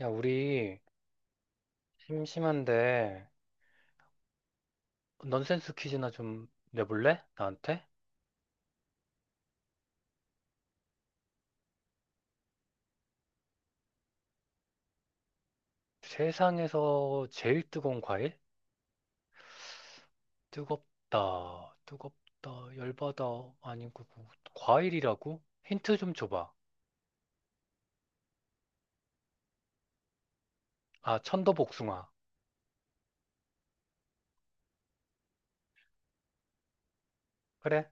야, 우리 심심한데 넌센스 퀴즈나 좀 내볼래? 나한테? 세상에서 제일 뜨거운 과일? 뜨겁다, 뜨겁다, 열받아. 아니고 과일이라고? 힌트 좀 줘봐. 아, 천도복숭아. 그래?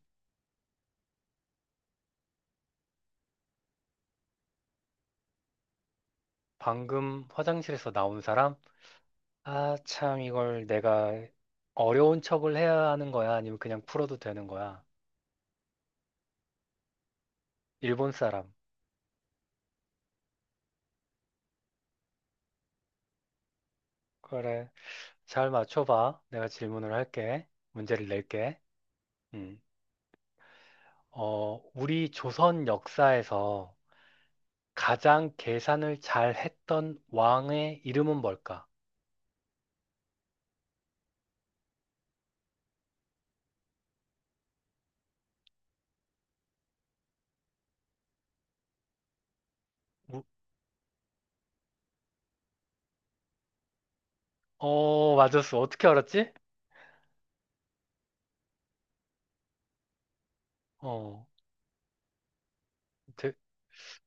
방금 화장실에서 나온 사람? 아, 참 이걸 내가 어려운 척을 해야 하는 거야? 아니면 그냥 풀어도 되는 거야? 일본 사람. 그래. 잘 맞춰봐. 내가 질문을 할게. 문제를 낼게. 음. 우리 조선 역사에서 가장 계산을 잘 했던 왕의 이름은 뭘까? 우- 맞았어. 어떻게 알았지? 어, 되,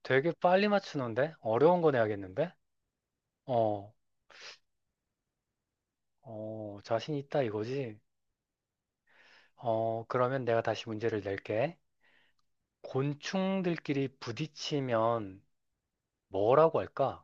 되게 빨리 맞추는데? 어려운 거 내야겠는데? 어, 자신 있다 이거지? 그러면 내가 다시 문제를 낼게. 곤충들끼리 부딪히면 뭐라고 할까?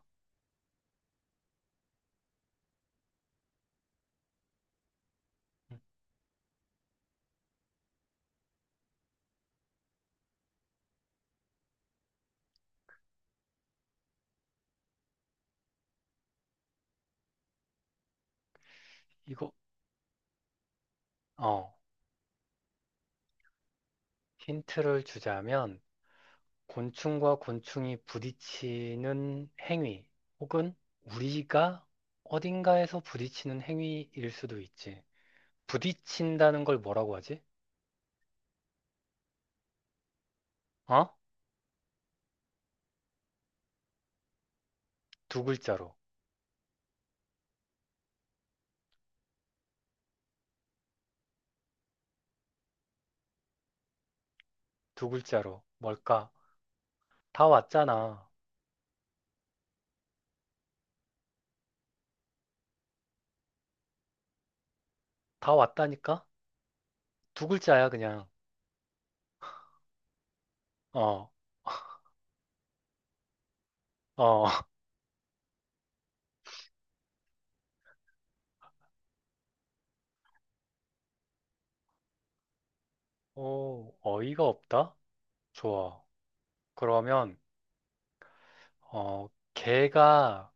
이거, 어, 힌트를 주자면, 곤충과 곤충이 부딪히는 행위 혹은 우리가 어딘가에서 부딪히는 행위일 수도 있지. 부딪힌다는 걸 뭐라고 하지? 어? 두 글자로. 두 글자로. 뭘까? 다 왔잖아. 다 왔다니까? 두 글자야, 그냥. 어, 어. 오, 어이가 없다? 좋아. 그러면, 어, 개가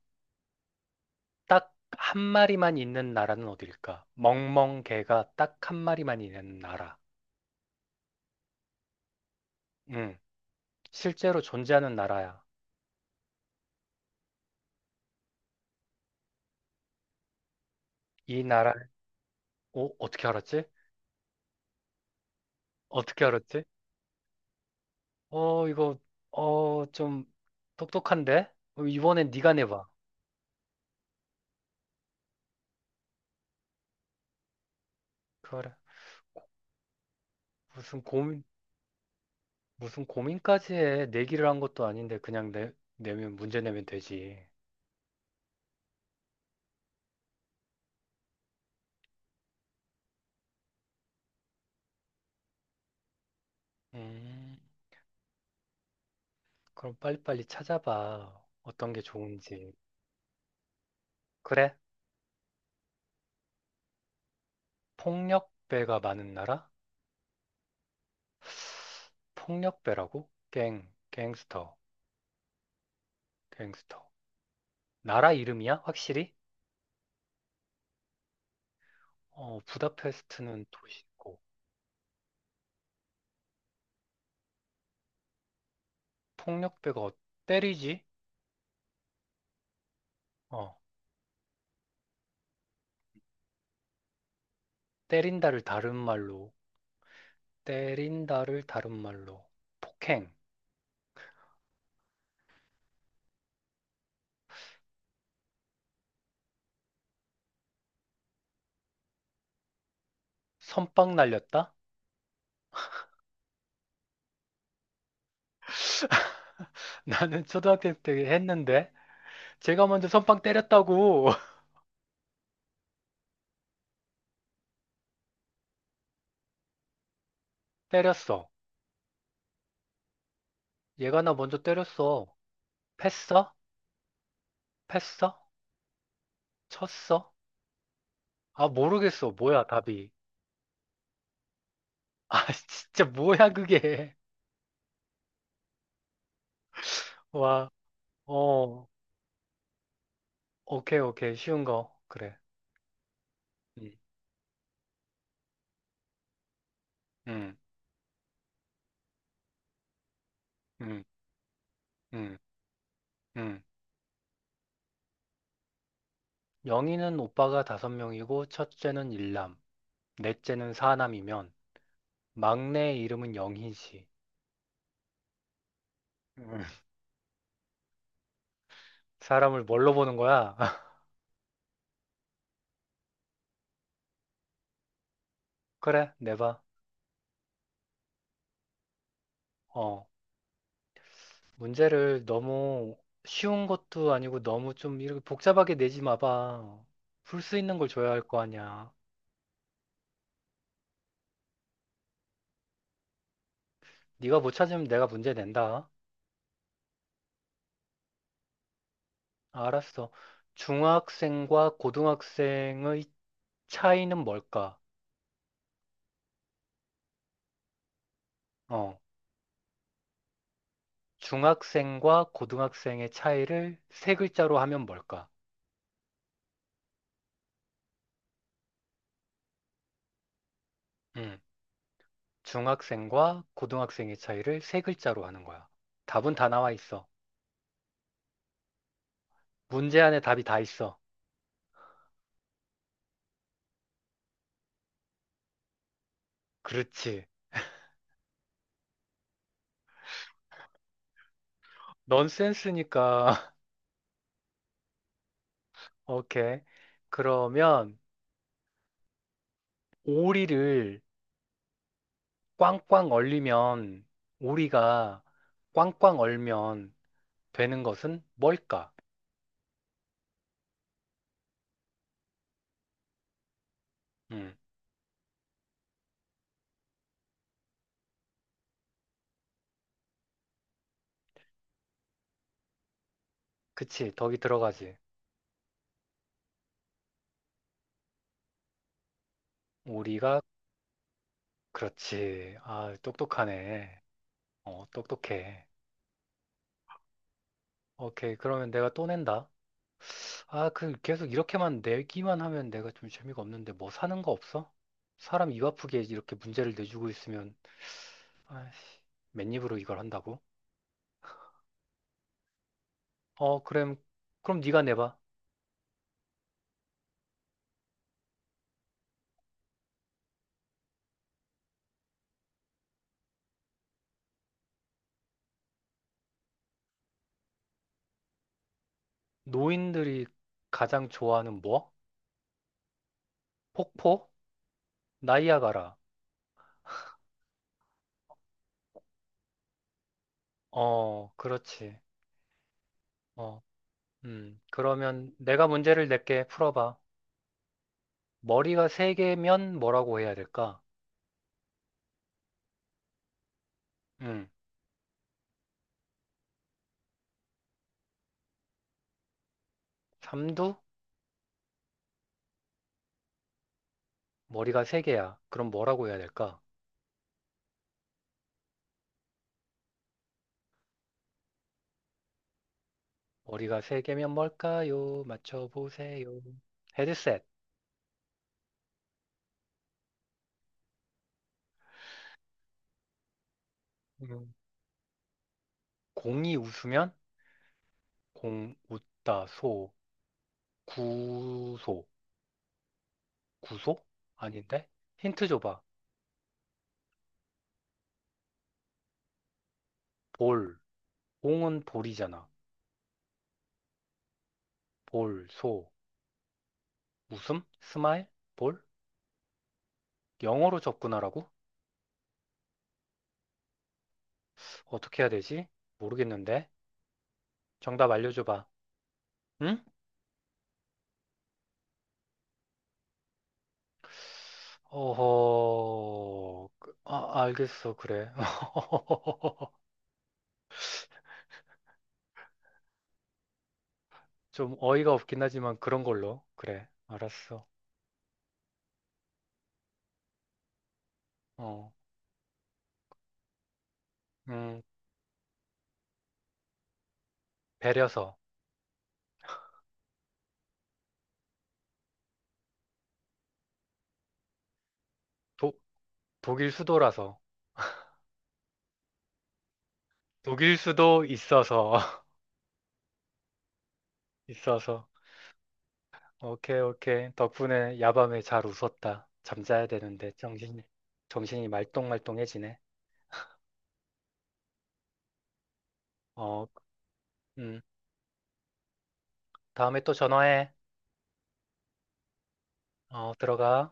딱 한 마리만 있는 나라는 어딜까? 멍멍 개가 딱 한 마리만 있는 나라. 응. 실제로 존재하는 나라야. 이 나라, 어떻게 알았지? 어떻게 알았지? 어, 이거, 좀 똑똑한데? 이번엔 네가 내봐. 그래. 무슨 고민, 무슨 고민까지 해. 내기를 한 것도 아닌데, 내면, 문제 내면 되지. 음, 그럼 빨리빨리 찾아봐. 어떤 게 좋은지. 그래? 폭력배가 많은 나라? 폭력배라고? 갱스터, 갱스터. 나라 이름이야? 확실히? 어, 부다페스트는 도시고 폭력배가 어- 때리지? 어, 때린다를 다른 말로 때린다를 다른 말로 폭행, 선빵 날렸다? 나는 초등학생 때 했는데 제가 먼저 선빵 때렸다고 때렸어. 얘가 나 먼저 때렸어. 패어? 패어? 쳤어? 아 모르겠어. 뭐야 답이? 아 진짜 뭐야 그게? 와, 어, 오케이 오케이 쉬운 거 그래. 음, 음, 음, 음. 음. 영희는 오빠가 다섯 명이고 첫째는 일남, 넷째는 사남이면 막내의 이름은 영희지. 음. 사람을 뭘로 보는 거야? 그래, 내봐. 어, 문제를 너무 쉬운 것도 아니고 너무 좀 이렇게 복잡하게 내지 마봐. 풀 수 있는 걸 줘야 할 거 아니야. 네가 못 찾으면 내가 문제 낸다. 알았어. 중학생과 고등학생의 차이는 뭘까? 어 중학생과 고등학생의 차이를 세 글자로 하면 뭘까? 음, 중학생과 고등학생의 차이를 세 글자로 하는 거야. 답은 다 나와 있어. 문제 안에 답이 다 있어. 그렇지. 넌센스니까. 오케이. 그러면 오리를 꽝꽝 얼리면 오리가 꽝꽝 얼면 되는 것은 뭘까? 음, 그치. 덕이 들어가지. 오리가 그렇지. 아, 똑똑하네. 어, 똑똑해. 오케이. 그러면 내가 또 낸다. 아, 그 계속 이렇게만 내기만 하면 내가 좀 재미가 없는데 뭐 사는 거 없어? 사람 입 아프게 이렇게 문제를 내주고 있으면 아이씨, 맨입으로 이걸 한다고? 어, 그럼 그럼 네가 내봐. 노인들이 가장 좋아하는 뭐? 폭포? 나이아가라. 어, 그렇지. 어, 그러면 내가 문제를 낼게. 풀어봐. 머리가 세 개면 뭐라고 해야 될까? 음. 삼두? 머리가 세 개야. 그럼 뭐라고 해야 될까? 머리가 세 개면 뭘까요? 맞춰보세요. 헤드셋. 음. 공이 웃으면 공 웃다 소 구소 구소? 아닌데? 힌트 줘봐. 볼. 공은 볼이잖아. 볼, 소, 웃음, 스마일, 볼? 영어로 접근하라고? 어떻게 해야 되지? 모르겠는데. 정답 알려줘봐. 응? 알겠어. 그래. 좀 어이가 없긴 하지만 그런 걸로. 그래, 알았어. 어, 음, 배려서. 도, 독일 수도라서. 독일 수도 있어서. 있어서. 오케이, 오케이. 덕분에 야밤에 잘 웃었다. 정신이 말똥말똥해지네. 어, 음, 다음에 또 전화해. 어, 들어가.